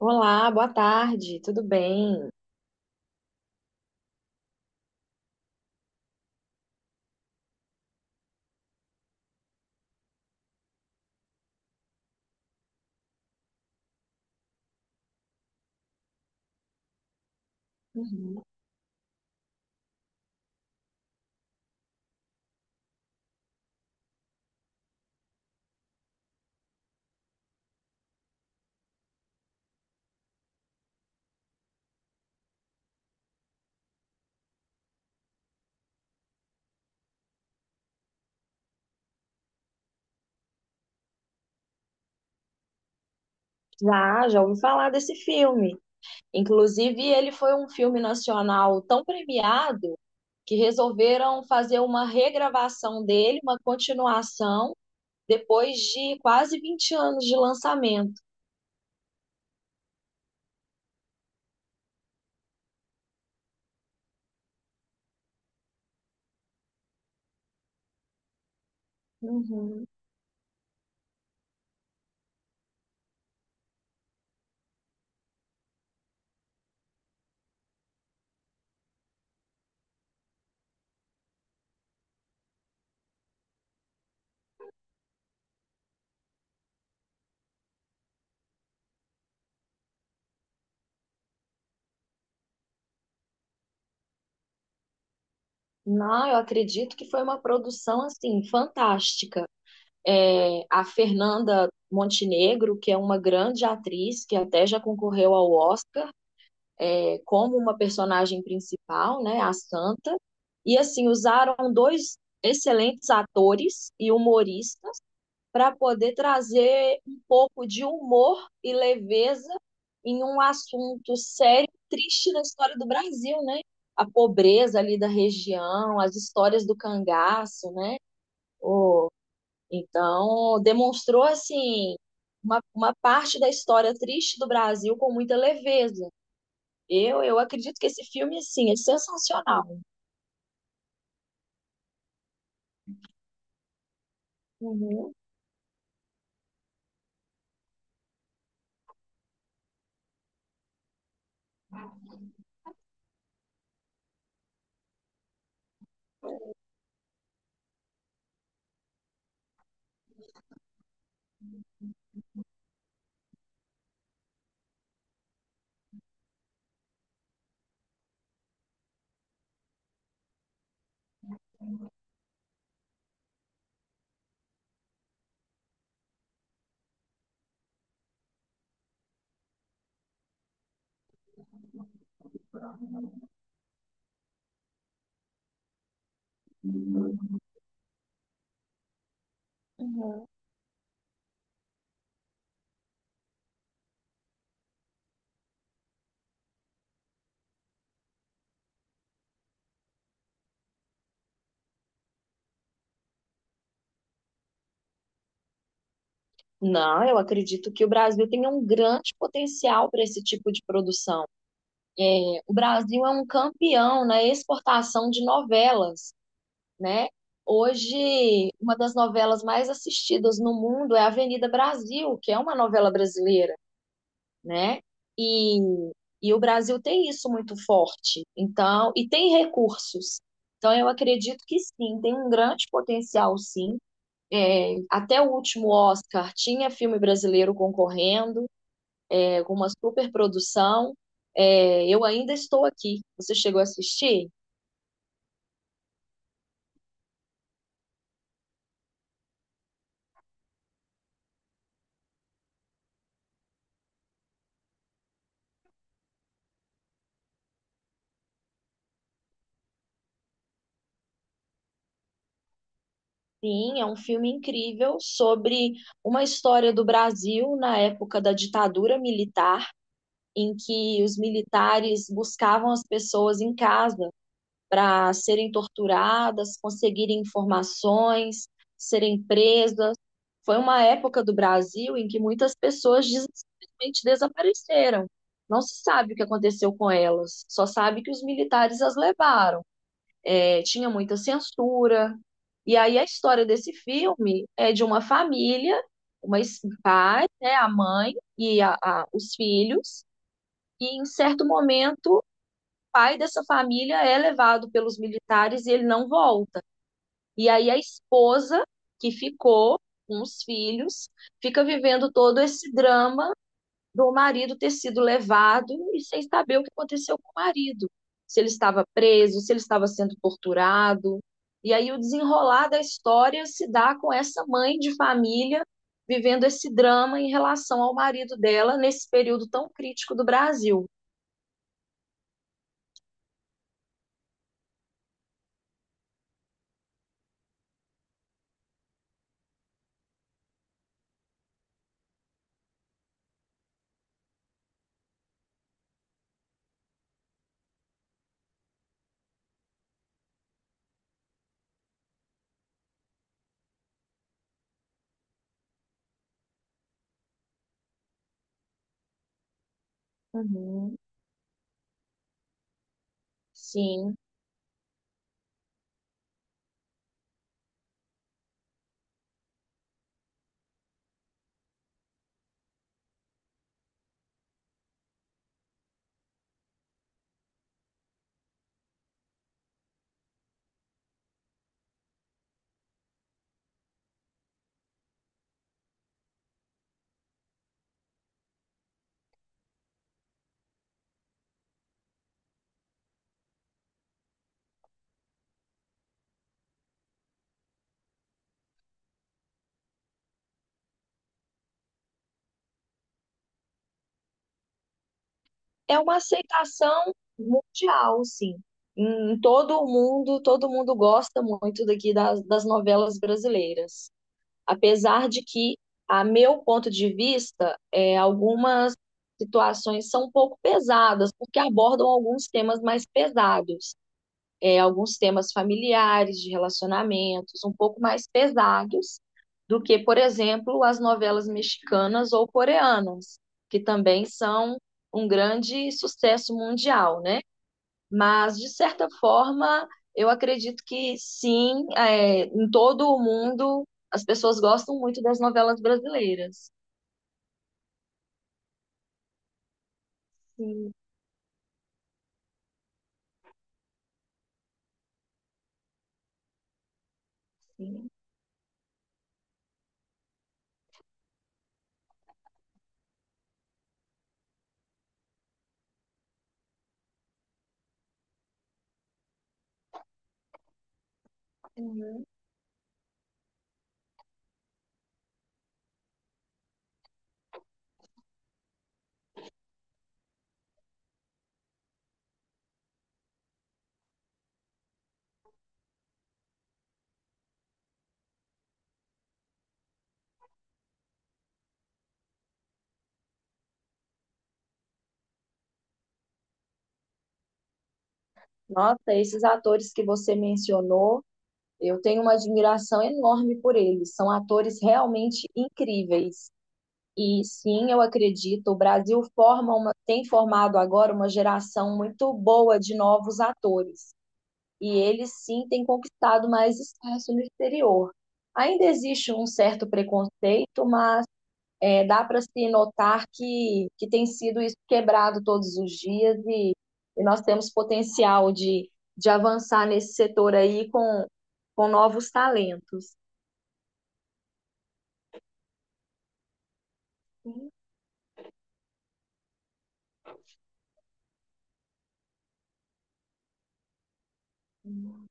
Olá, boa tarde, tudo bem? Uhum. Já, já ouvi falar desse filme. Inclusive, ele foi um filme nacional tão premiado que resolveram fazer uma regravação dele, uma continuação, depois de quase 20 anos de lançamento. Uhum. Não, eu acredito que foi uma produção assim fantástica. É, a Fernanda Montenegro, que é uma grande atriz, que até já concorreu ao Oscar, é, como uma personagem principal, né, a Santa, e assim usaram dois excelentes atores e humoristas para poder trazer um pouco de humor e leveza em um assunto sério e triste da história do Brasil, né? A pobreza ali da região, as histórias do cangaço, né? Então, demonstrou assim uma parte da história triste do Brasil com muita leveza. Eu acredito que esse filme, assim, é sensacional. Uhum, uhum. Não, eu acredito que o Brasil tem um grande potencial para esse tipo de produção. O Brasil é um campeão na exportação de novelas, né? Hoje, uma das novelas mais assistidas no mundo é Avenida Brasil, que é uma novela brasileira, né? E, e o Brasil tem isso muito forte. Então, e tem recursos. Então, eu acredito que sim, tem um grande potencial, sim. É, até o último Oscar tinha filme brasileiro concorrendo, é, com uma superprodução. É, eu ainda estou aqui. Você chegou a assistir? Sim, é um filme incrível sobre uma história do Brasil na época da ditadura militar, em que os militares buscavam as pessoas em casa para serem torturadas, conseguirem informações, serem presas. Foi uma época do Brasil em que muitas pessoas simplesmente desapareceram. Não se sabe o que aconteceu com elas, só sabe que os militares as levaram. É, tinha muita censura. E aí a história desse filme é de uma família, pai, né, a mãe e os filhos, e em certo momento pai dessa família é levado pelos militares e ele não volta. E aí a esposa, que ficou com os filhos, fica vivendo todo esse drama do marido ter sido levado e sem saber o que aconteceu com o marido. Se ele estava preso, se ele estava sendo torturado. E aí o desenrolar da história se dá com essa mãe de família vivendo esse drama em relação ao marido dela nesse período tão crítico do Brasil. Uhum. Sim. É uma aceitação mundial, sim. Em todo o mundo, todo mundo gosta muito daqui das novelas brasileiras. Apesar de que, a meu ponto de vista, é, algumas situações são um pouco pesadas, porque abordam alguns temas mais pesados é, alguns temas familiares, de relacionamentos, um pouco mais pesados do que, por exemplo, as novelas mexicanas ou coreanas, que também são um grande sucesso mundial, né? Mas, de certa forma, eu acredito que sim, é, em todo o mundo as pessoas gostam muito das novelas brasileiras. Sim, sim. Uhum. Nossa, esses atores que você mencionou. Eu tenho uma admiração enorme por eles. São atores realmente incríveis. E sim, eu acredito, o Brasil forma uma, tem formado agora uma geração muito boa de novos atores. E eles sim têm conquistado mais espaço no exterior. Ainda existe um certo preconceito, mas é, dá para se notar que tem sido isso quebrado todos os dias e nós temos potencial de avançar nesse setor aí com novos talentos. Uhum.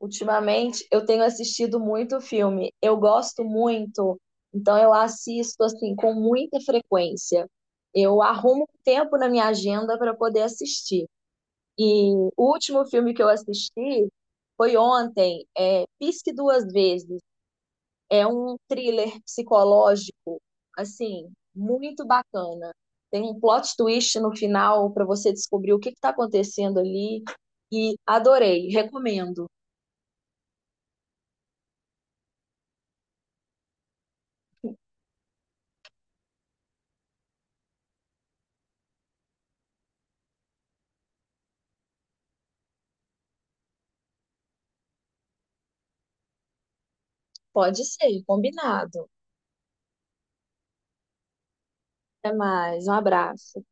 Ultimamente, eu tenho assistido muito filme, eu gosto muito, então eu assisto assim com muita frequência. Eu arrumo tempo na minha agenda para poder assistir. E o último filme que eu assisti foi ontem, é Pisque Duas Vezes. É um thriller psicológico, assim, muito bacana. Tem um plot twist no final para você descobrir o que está acontecendo ali. E adorei, recomendo. Pode ser, combinado. Até mais, um abraço.